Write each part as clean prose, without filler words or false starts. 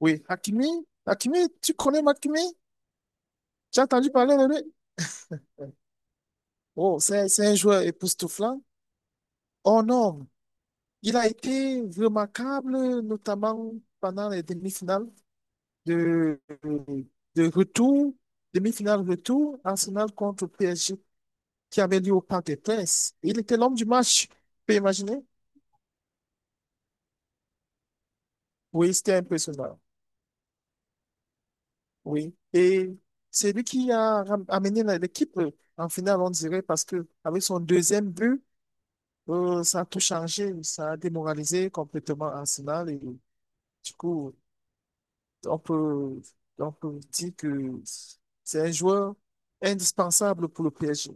Oui, Hakimi, Hakimi, tu connais Hakimi? Tu as entendu parler de lui? Oh, c'est un joueur époustouflant. Oh non, il a été remarquable, notamment pendant les demi-finales de, de retour, demi-finale retour, Arsenal contre PSG, qui avait lieu au Parc des Princes. Il était l'homme du match, tu peux imaginer? Oui, c'était impressionnant. Oui, et c'est lui qui a amené l'équipe en finale, on dirait, parce que avec son deuxième but, Ça a tout changé, ça a démoralisé complètement Arsenal et du coup, on peut, on peut dire que c'est un joueur indispensable pour le PSG.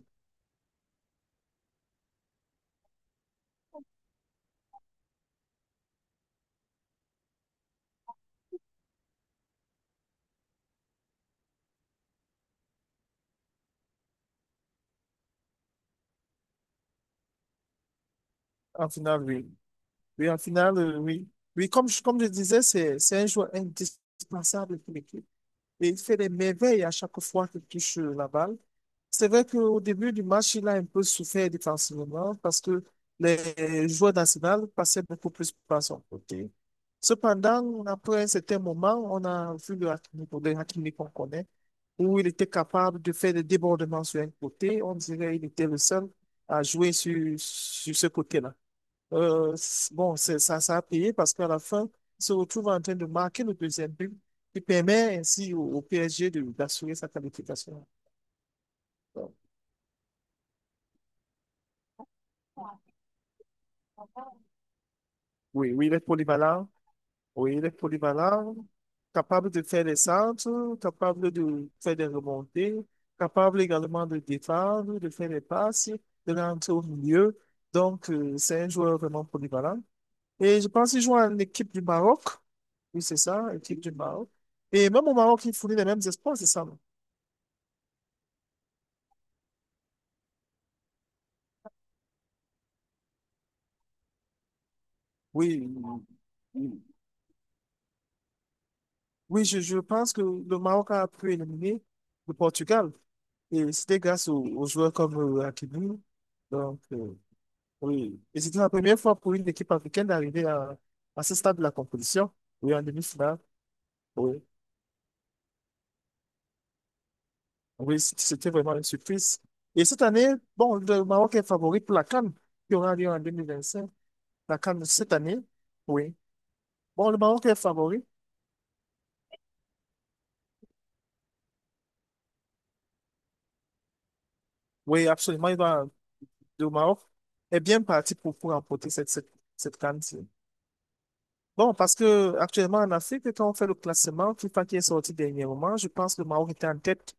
En finale, oui. Oui, en finale, oui. Oui, comme je disais, c'est un joueur indispensable pour l'équipe et il fait des merveilles à chaque fois qu'il touche la balle. C'est vrai qu'au début du match, il a un peu souffert défensivement parce que les joueurs d'Arsenal passaient beaucoup plus par son côté. Cependant, après un certain moment, on a vu le Hakimi qu'on connaît, où il était capable de faire des débordements sur un côté. On dirait qu'il était le seul à jouer sur ce côté-là. Bon, ça a payé parce qu'à la fin, il se retrouve en train de marquer le deuxième but qui permet ainsi au PSG d'assurer sa qualification. Donc, oui, oui, il est polyvalent. Oui, il est polyvalent, capable de faire des centres, capable de faire des remontées, capable également de défendre, de faire des passes, de rentrer au milieu. Donc, c'est un joueur vraiment polyvalent. Et je pense qu'il joue en équipe du Maroc. Oui, c'est ça, équipe du Maroc. Et même au Maroc, il fournit les mêmes espoirs, c'est ça. Non. Oui, oui, je pense que le Maroc a pu éliminer le Portugal. Et c'était grâce aux joueurs comme Hakimi. Donc, oui. Et c'était la première fois pour une équipe africaine d'arriver à ce stade de la compétition. Oui, en demi-finale. Oui. Oui, c'était vraiment une surprise. Et cette année, bon, le Maroc est favori pour la CAN, qui aura lieu en 2025. La CAN de cette année. Oui. Bon, le Maroc est favori. Oui, absolument. Il va, le Maroc est bien parti pour remporter cette CAN. Bon, parce que actuellement en Afrique, quand on fait le classement, FIFA qui est sorti dernièrement, je pense que le Maroc était en tête.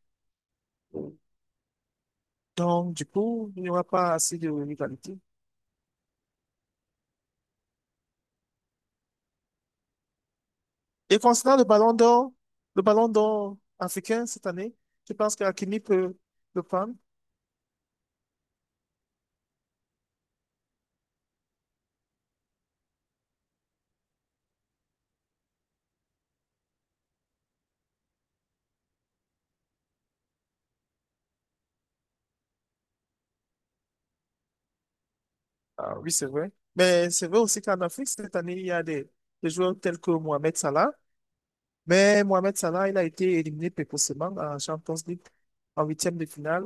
Donc, du coup, il n'y aura pas assez de rivalité. Et concernant le ballon d'or africain cette année, je pense qu'Hakimi peut le prendre. Ah oui, c'est vrai. Mais c'est vrai aussi qu'en Afrique, cette année, il y a des joueurs tels que Mohamed Salah. Mais Mohamed Salah, il a été éliminé précocement en Champions League en huitième de finale.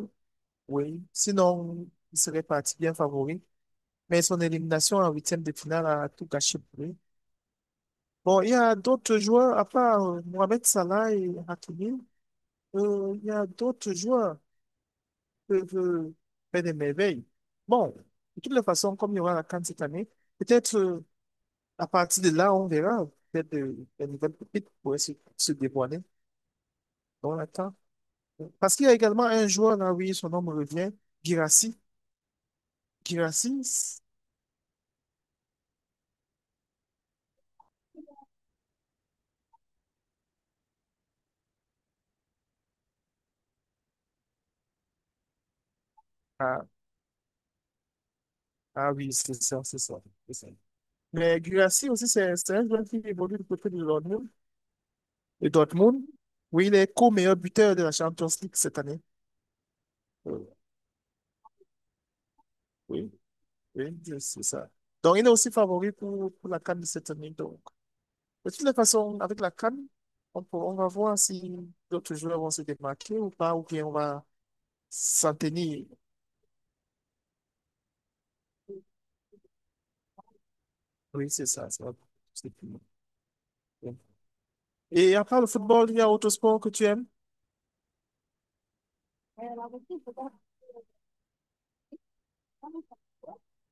Oui. Sinon, il serait parti bien favori. Mais son élimination en huitième de finale a tout gâché pour lui. Bon, il y a d'autres joueurs, à part Mohamed Salah et Hakimi, il y a d'autres joueurs peuvent faire des merveilles. Bon, de toutes les façons, comme il y aura la CAN cette année, peut-être à partir de là, on verra peut-être des nouvelles pépites pourraient se dévoiler. On l'attend. Parce qu'il y a également un joueur, là, oui, son nom me revient, Girassi. Girassi, ah, ah oui, c'est ça, c'est ça, c'est ça. Mais Girassi aussi, c'est un joueur qui évolue du côté de Dortmund. Et Dortmund, oui, il est co-meilleur buteur de la Champions League cette année. Euh, oui. Oui, c'est ça. Donc, il est aussi favori pour la CAN de cette année. Donc, de toutes les façons, avec la CAN, on va voir si d'autres joueurs vont se démarquer ou pas, ou bien on va s'en tenir. Oui, c'est ça. C'est tout. Et à part le football, il y a autre sport que tu aimes?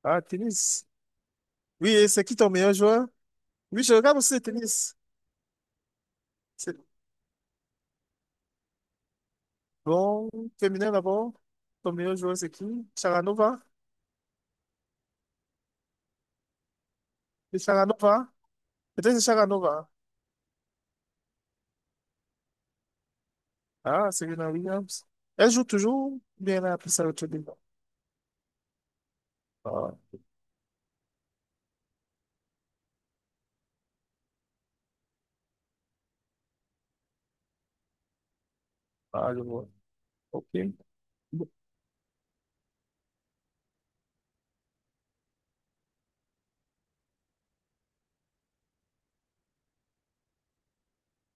Ah, tennis. Oui, et c'est qui ton meilleur joueur? Oui, je regarde aussi le tennis. C'est bon, féminin d'abord. Ton meilleur joueur, c'est qui? Sharanova? C'est Sharanova? Peut-être c'est Sharanova. Ah, Serena Williams. Elle joue toujours, ou bien elle a appris ça l'autre jour. Ah, ah, je vois. OK. Bon.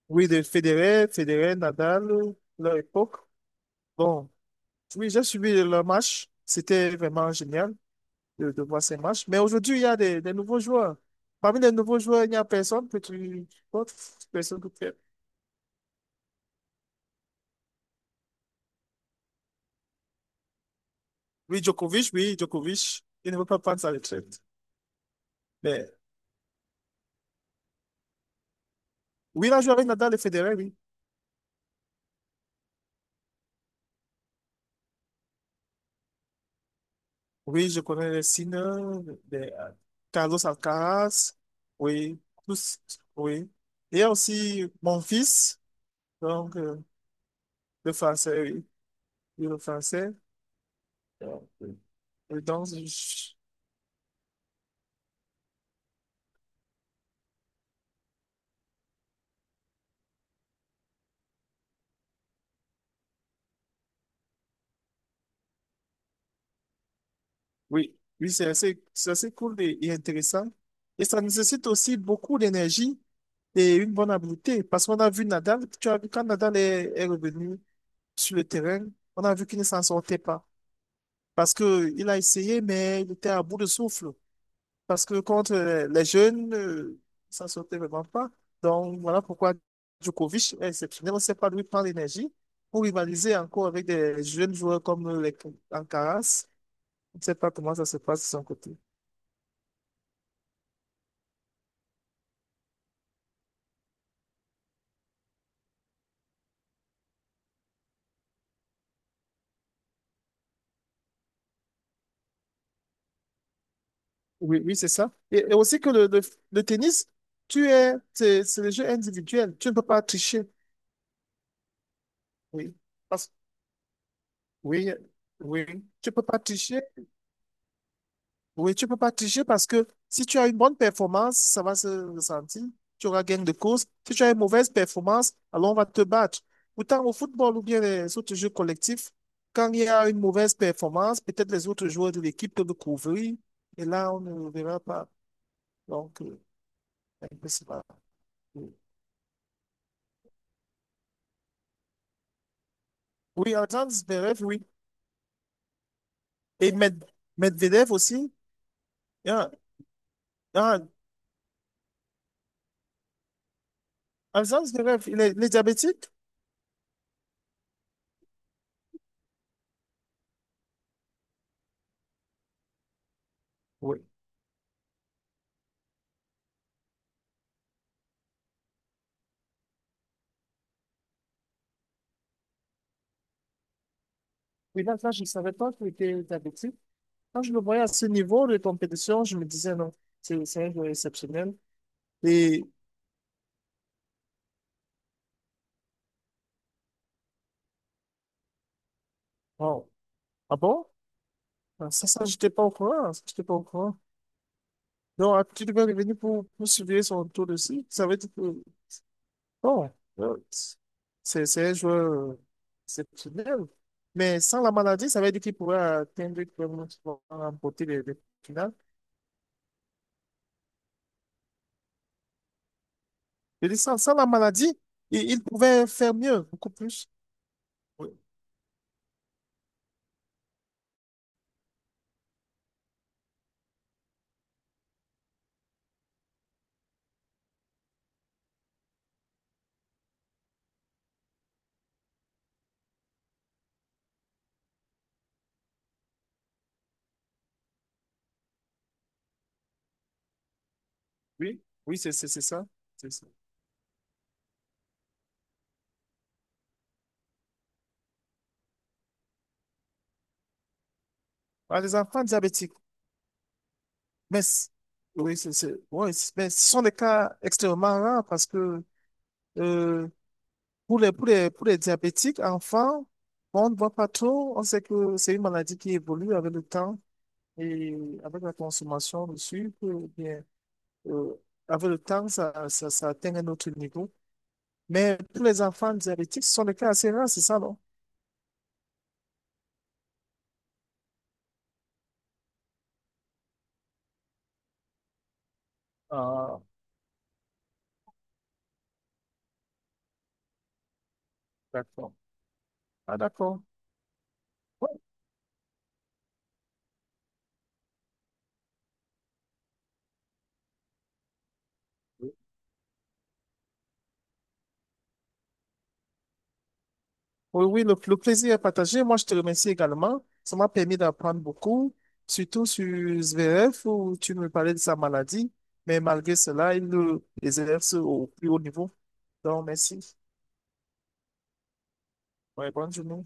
Oui, de Federer, Federer, Nadal, leur époque. Bon, oui, j'ai suivi leur match. C'était vraiment génial de voir ces matchs. Mais aujourd'hui, il y a des nouveaux joueurs. Parmi les nouveaux joueurs, il n'y a personne que tu autre personne que tu aimes. Oui, Djokovic, oui, Djokovic. Il ne veut pas prendre sa retraite. Mais oui, il a joué avec Nadal et Federer, oui. Oui, je connais les signes de Carlos Alcaraz. Oui, tous, oui. Il y a aussi mon fils, donc le français, oui. Oui, le français. Donc, et donc, oui, oui, c'est assez cool et intéressant. Et ça nécessite aussi beaucoup d'énergie et une bonne habileté, parce qu'on a vu Nadal, tu as vu quand Nadal est revenu sur le terrain, on a vu qu'il ne s'en sortait pas, parce que il a essayé, mais il était à bout de souffle. Parce que contre les jeunes, ça ne sortait vraiment pas. Donc, voilà pourquoi Djokovic est exceptionnel. On ne sait pas d'où il prend l'énergie pour rivaliser encore avec des jeunes joueurs comme les Alcaraz. On ne sait pas comment ça se passe de son côté. Oui, oui, c'est ça. Et aussi que le tennis, c'est le jeu individuel. Tu ne peux pas tricher. Oui. Parce Oui, oui, tu peux pas tricher. Oui, tu peux pas tricher parce que si tu as une bonne performance, ça va se ressentir. Tu auras gain de cause. Si tu as une mauvaise performance, alors on va te battre. Pourtant, au football ou bien les autres jeux collectifs, quand il y a une mauvaise performance, peut-être les autres joueurs de l'équipe peuvent couvrir et là, on ne le verra pas. Donc, un peu cela. Oui, Alexandre Zverev, oui. Et Medvedev aussi. Ah, ah, Alexandre Zverev, il est diabétique? Oui. Oui, là, là, je ne savais pas que tu addictif. Quand je le voyais à ce niveau de compétition, je me disais non, c'est un joueur exceptionnel. Et, oh, ah bon? Ah, Ça, j'étais pas au courant. Ça, j'étais pas au courant. Donc, ah, tu devais revenir pour, surveiller son tour aussi. Ça veut dire que bon, euh, c'est un joueur exceptionnel. Mais sans la maladie, ça veut dire qu'il pourrait atteindre vraiment souvent, remporter les finales. Je dis sans la maladie, il pouvait faire mieux, beaucoup plus. Oui, oui, oui, c'est ça. C'est ça. Ah, les enfants diabétiques, mais oui, ouais, mais ce sont des cas extrêmement rares parce que euh, pour les diabétiques, enfants, on ne voit pas trop. On sait que c'est une maladie qui évolue avec le temps. Et avec la consommation de sucre, eh bien, euh, avec le temps, ça atteint un autre niveau. Mais pour les enfants diabétiques, ce sont des cas assez rares, c'est ça, non? Ah, d'accord. Ah, d'accord. Ouais. Oui, oui, le plaisir est partagé. Moi, je te remercie également. Ça m'a permis d'apprendre beaucoup, surtout sur SVF, où tu me parlais de sa maladie. Mais malgré cela, il le exerce au plus haut niveau. Donc, merci. Ouais, bonne journée.